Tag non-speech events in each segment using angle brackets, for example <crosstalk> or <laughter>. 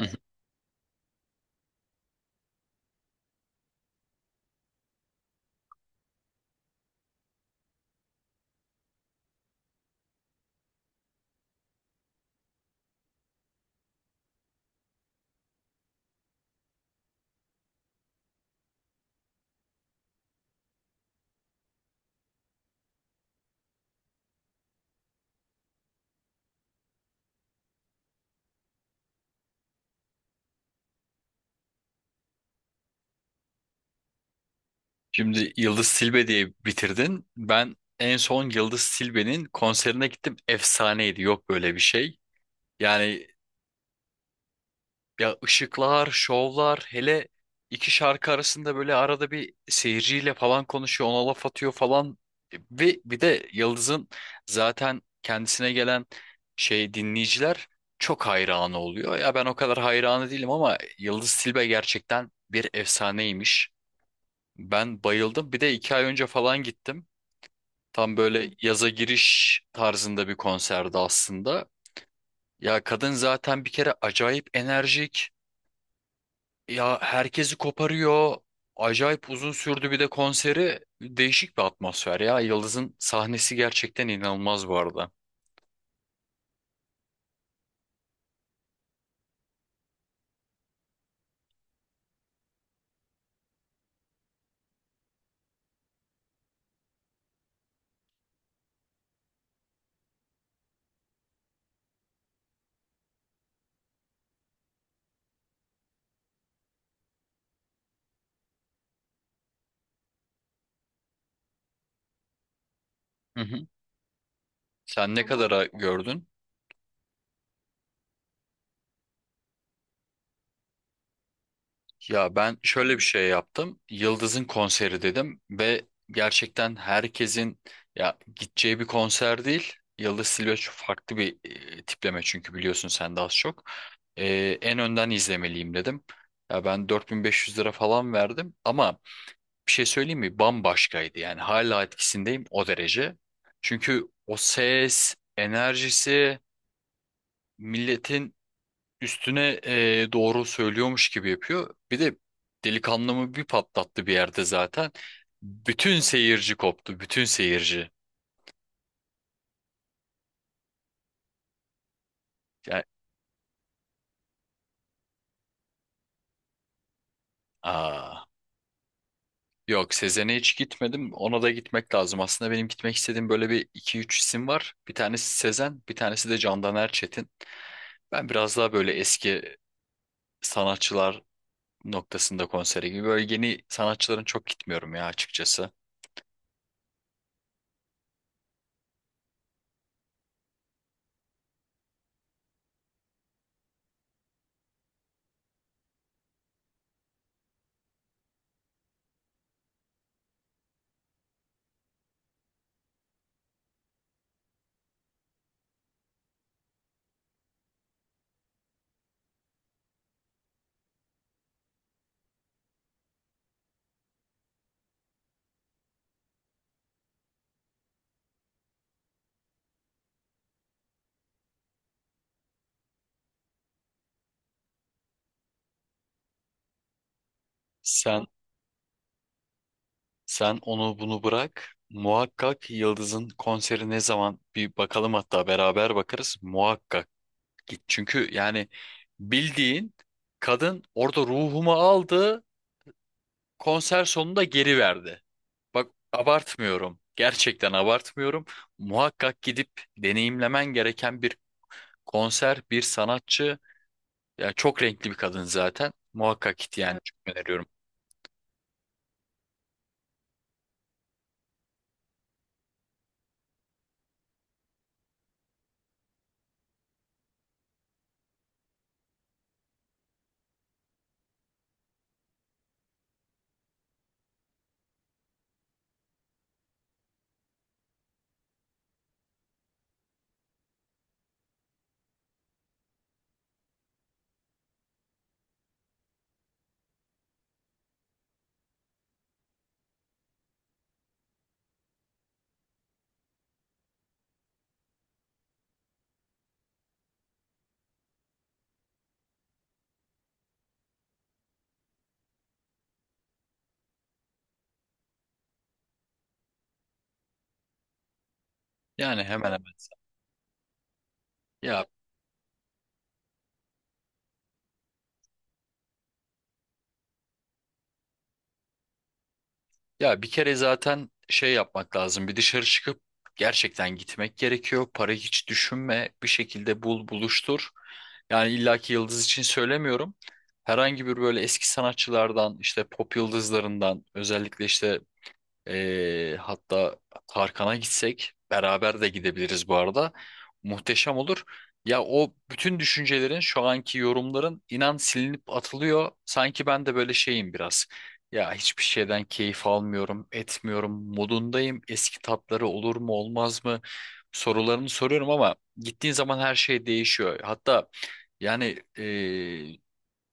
Hı hı. Şimdi Yıldız Silbe diye bitirdin. Ben en son Yıldız Silbe'nin konserine gittim. Efsaneydi. Yok böyle bir şey. Yani ya ışıklar, şovlar, hele iki şarkı arasında böyle arada bir seyirciyle falan konuşuyor, ona laf atıyor falan. Ve bir de Yıldız'ın zaten kendisine gelen şey dinleyiciler çok hayranı oluyor. Ya ben o kadar hayranı değilim ama Yıldız Silbe gerçekten bir efsaneymiş. Ben bayıldım. Bir de iki ay önce falan gittim. Tam böyle yaza giriş tarzında bir konserdi aslında. Ya kadın zaten bir kere acayip enerjik. Ya herkesi koparıyor. Acayip uzun sürdü bir de konseri. Değişik bir atmosfer ya. Yıldız'ın sahnesi gerçekten inanılmaz bu arada. Hı hı. Sen ne Ama kadara gördün? Ya ben şöyle bir şey yaptım. Yıldız'ın konseri dedim ve gerçekten herkesin ya gideceği bir konser değil. Yıldız Tilbe çok farklı bir tipleme çünkü biliyorsun sen de az çok. E, En önden izlemeliyim dedim. Ya ben 4500 lira falan verdim ama bir şey söyleyeyim mi? Bambaşkaydı yani hala etkisindeyim o derece. Çünkü o ses, enerjisi, milletin üstüne doğru söylüyormuş gibi yapıyor. Bir de delikanlımı bir patlattı bir yerde zaten. Bütün seyirci koptu. Bütün seyirci. Yani, aa, yok Sezen'e hiç gitmedim. Ona da gitmek lazım. Aslında benim gitmek istediğim böyle bir iki üç isim var. Bir tanesi Sezen, bir tanesi de Candan Erçetin. Ben biraz daha böyle eski sanatçılar noktasında konsere gibi. Böyle yeni sanatçıların çok gitmiyorum ya açıkçası. Sen Sen onu bunu bırak. Muhakkak Yıldız'ın konseri ne zaman bir bakalım hatta beraber bakarız. Muhakkak git. Çünkü yani bildiğin kadın orada ruhumu aldı. Konser sonunda geri verdi. Bak abartmıyorum. Gerçekten abartmıyorum. Muhakkak gidip deneyimlemen gereken bir konser, bir sanatçı. Ya çok renkli bir kadın zaten. Muhakkak git yani. Evet, çok öneriyorum. Yani hemen hemen. Ya Ya bir kere zaten şey yapmak lazım. Bir dışarı çıkıp gerçekten gitmek gerekiyor. Para hiç düşünme. Bir şekilde bul, buluştur. Yani illaki yıldız için söylemiyorum. Herhangi bir böyle eski sanatçılardan, işte pop yıldızlarından, özellikle işte hatta Tarkan'a gitsek beraber de gidebiliriz bu arada. Muhteşem olur. Ya o bütün düşüncelerin şu anki yorumların inan silinip atılıyor. Sanki ben de böyle şeyim biraz. Ya hiçbir şeyden keyif almıyorum, etmiyorum, modundayım. Eski tatları olur mu olmaz mı sorularını soruyorum ama gittiğin zaman her şey değişiyor. Hatta yani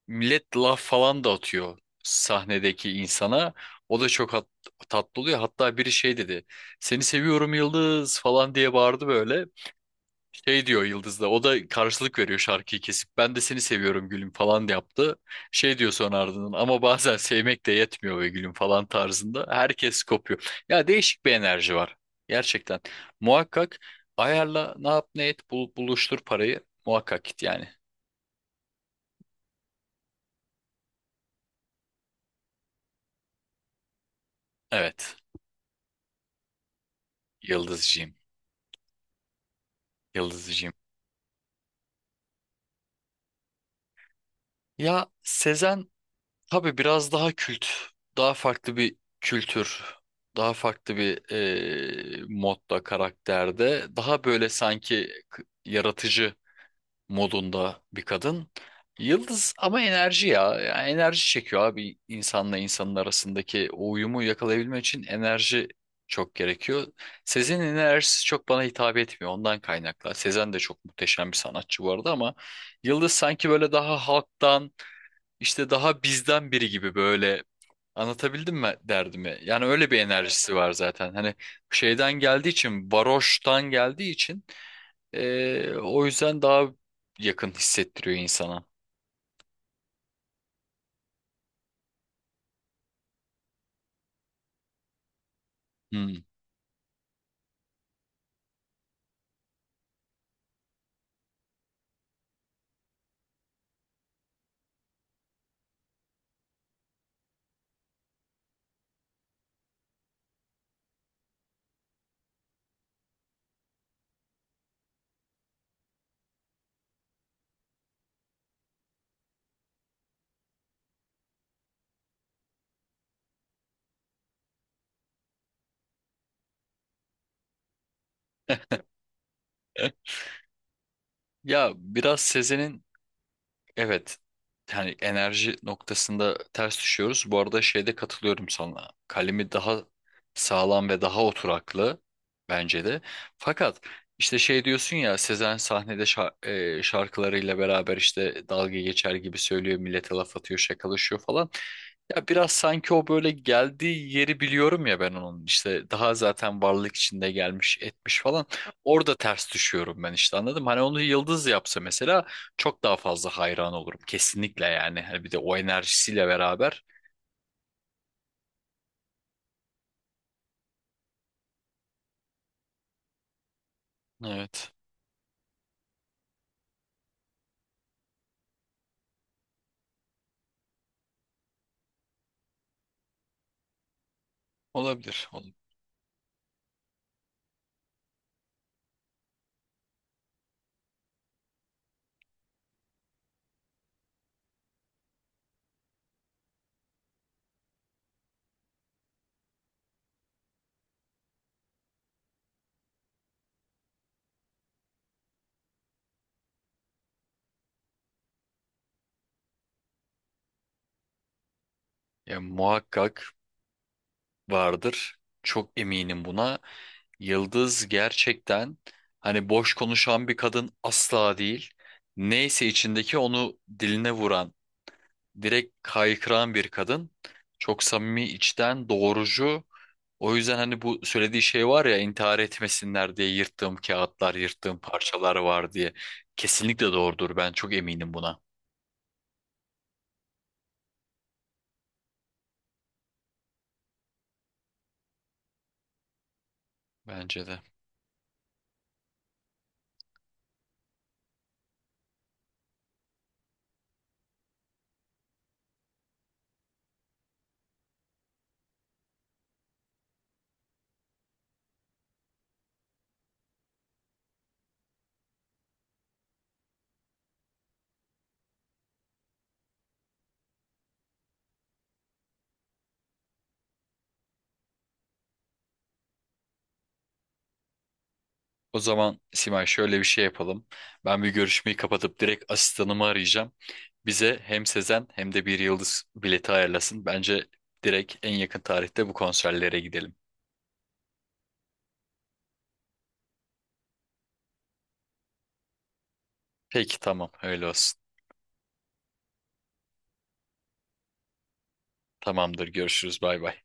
millet laf falan da atıyor sahnedeki insana. O da çok tatlı oluyor. Hatta biri şey dedi. Seni seviyorum Yıldız falan diye bağırdı böyle. Şey diyor Yıldız da. O da karşılık veriyor şarkıyı kesip. Ben de seni seviyorum gülüm falan yaptı. Şey diyor sonra ardından. Ama bazen sevmek de yetmiyor be gülüm falan tarzında. Herkes kopuyor. Ya değişik bir enerji var. Gerçekten. Muhakkak ayarla ne yap ne et buluştur parayı. Muhakkak git yani. Evet. Yıldızcığım. Yıldızcığım. Ya Sezen tabii biraz daha kült, daha farklı bir kültür, daha farklı bir modda, karakterde, daha böyle sanki yaratıcı modunda bir kadın. Yıldız ama enerji ya. Enerji çekiyor abi, insanla insanın arasındaki o uyumu yakalayabilmek için enerji çok gerekiyor. Sezen'in enerjisi çok bana hitap etmiyor, ondan kaynaklı. Sezen de çok muhteşem bir sanatçı bu arada ama Yıldız sanki böyle daha halktan, işte daha bizden biri gibi böyle. Anlatabildim mi derdimi? Yani öyle bir enerjisi var zaten. Hani şeyden geldiği için, varoştan geldiği için o yüzden daha yakın hissettiriyor insana. Hmm. <laughs> Ya biraz Sezen'in. Evet. Yani enerji noktasında ters düşüyoruz. Bu arada şeyde katılıyorum sana. Kalemi daha sağlam ve daha oturaklı bence de. Fakat işte şey diyorsun ya, Sezen sahnede şarkılarıyla beraber işte dalga geçer gibi söylüyor, millete laf atıyor, şakalaşıyor falan. Ya biraz sanki o böyle geldiği yeri biliyorum ya, ben onun işte daha zaten varlık içinde gelmiş etmiş falan, orada ters düşüyorum ben, işte anladım. Hani onu Yıldız yapsa mesela çok daha fazla hayran olurum kesinlikle yani, hani bir de o enerjisiyle beraber. Evet, olabilir olabilir. Ya muhakkak vardır, çok eminim buna. Yıldız gerçekten hani boş konuşan bir kadın asla değil, neyse içindeki onu diline vuran, direkt kaykıran bir kadın. Çok samimi, içten, doğrucu. O yüzden hani bu söylediği şey var ya, intihar etmesinler diye yırttığım kağıtlar, yırttığım parçalar var diye. Kesinlikle doğrudur. Ben çok eminim buna. Bence de. O zaman Simay, şöyle bir şey yapalım. Ben bir görüşmeyi kapatıp direkt asistanımı arayacağım. Bize hem Sezen hem de bir yıldız bileti ayarlasın. Bence direkt en yakın tarihte bu konserlere gidelim. Peki, tamam, öyle olsun. Tamamdır, görüşürüz, bay bay.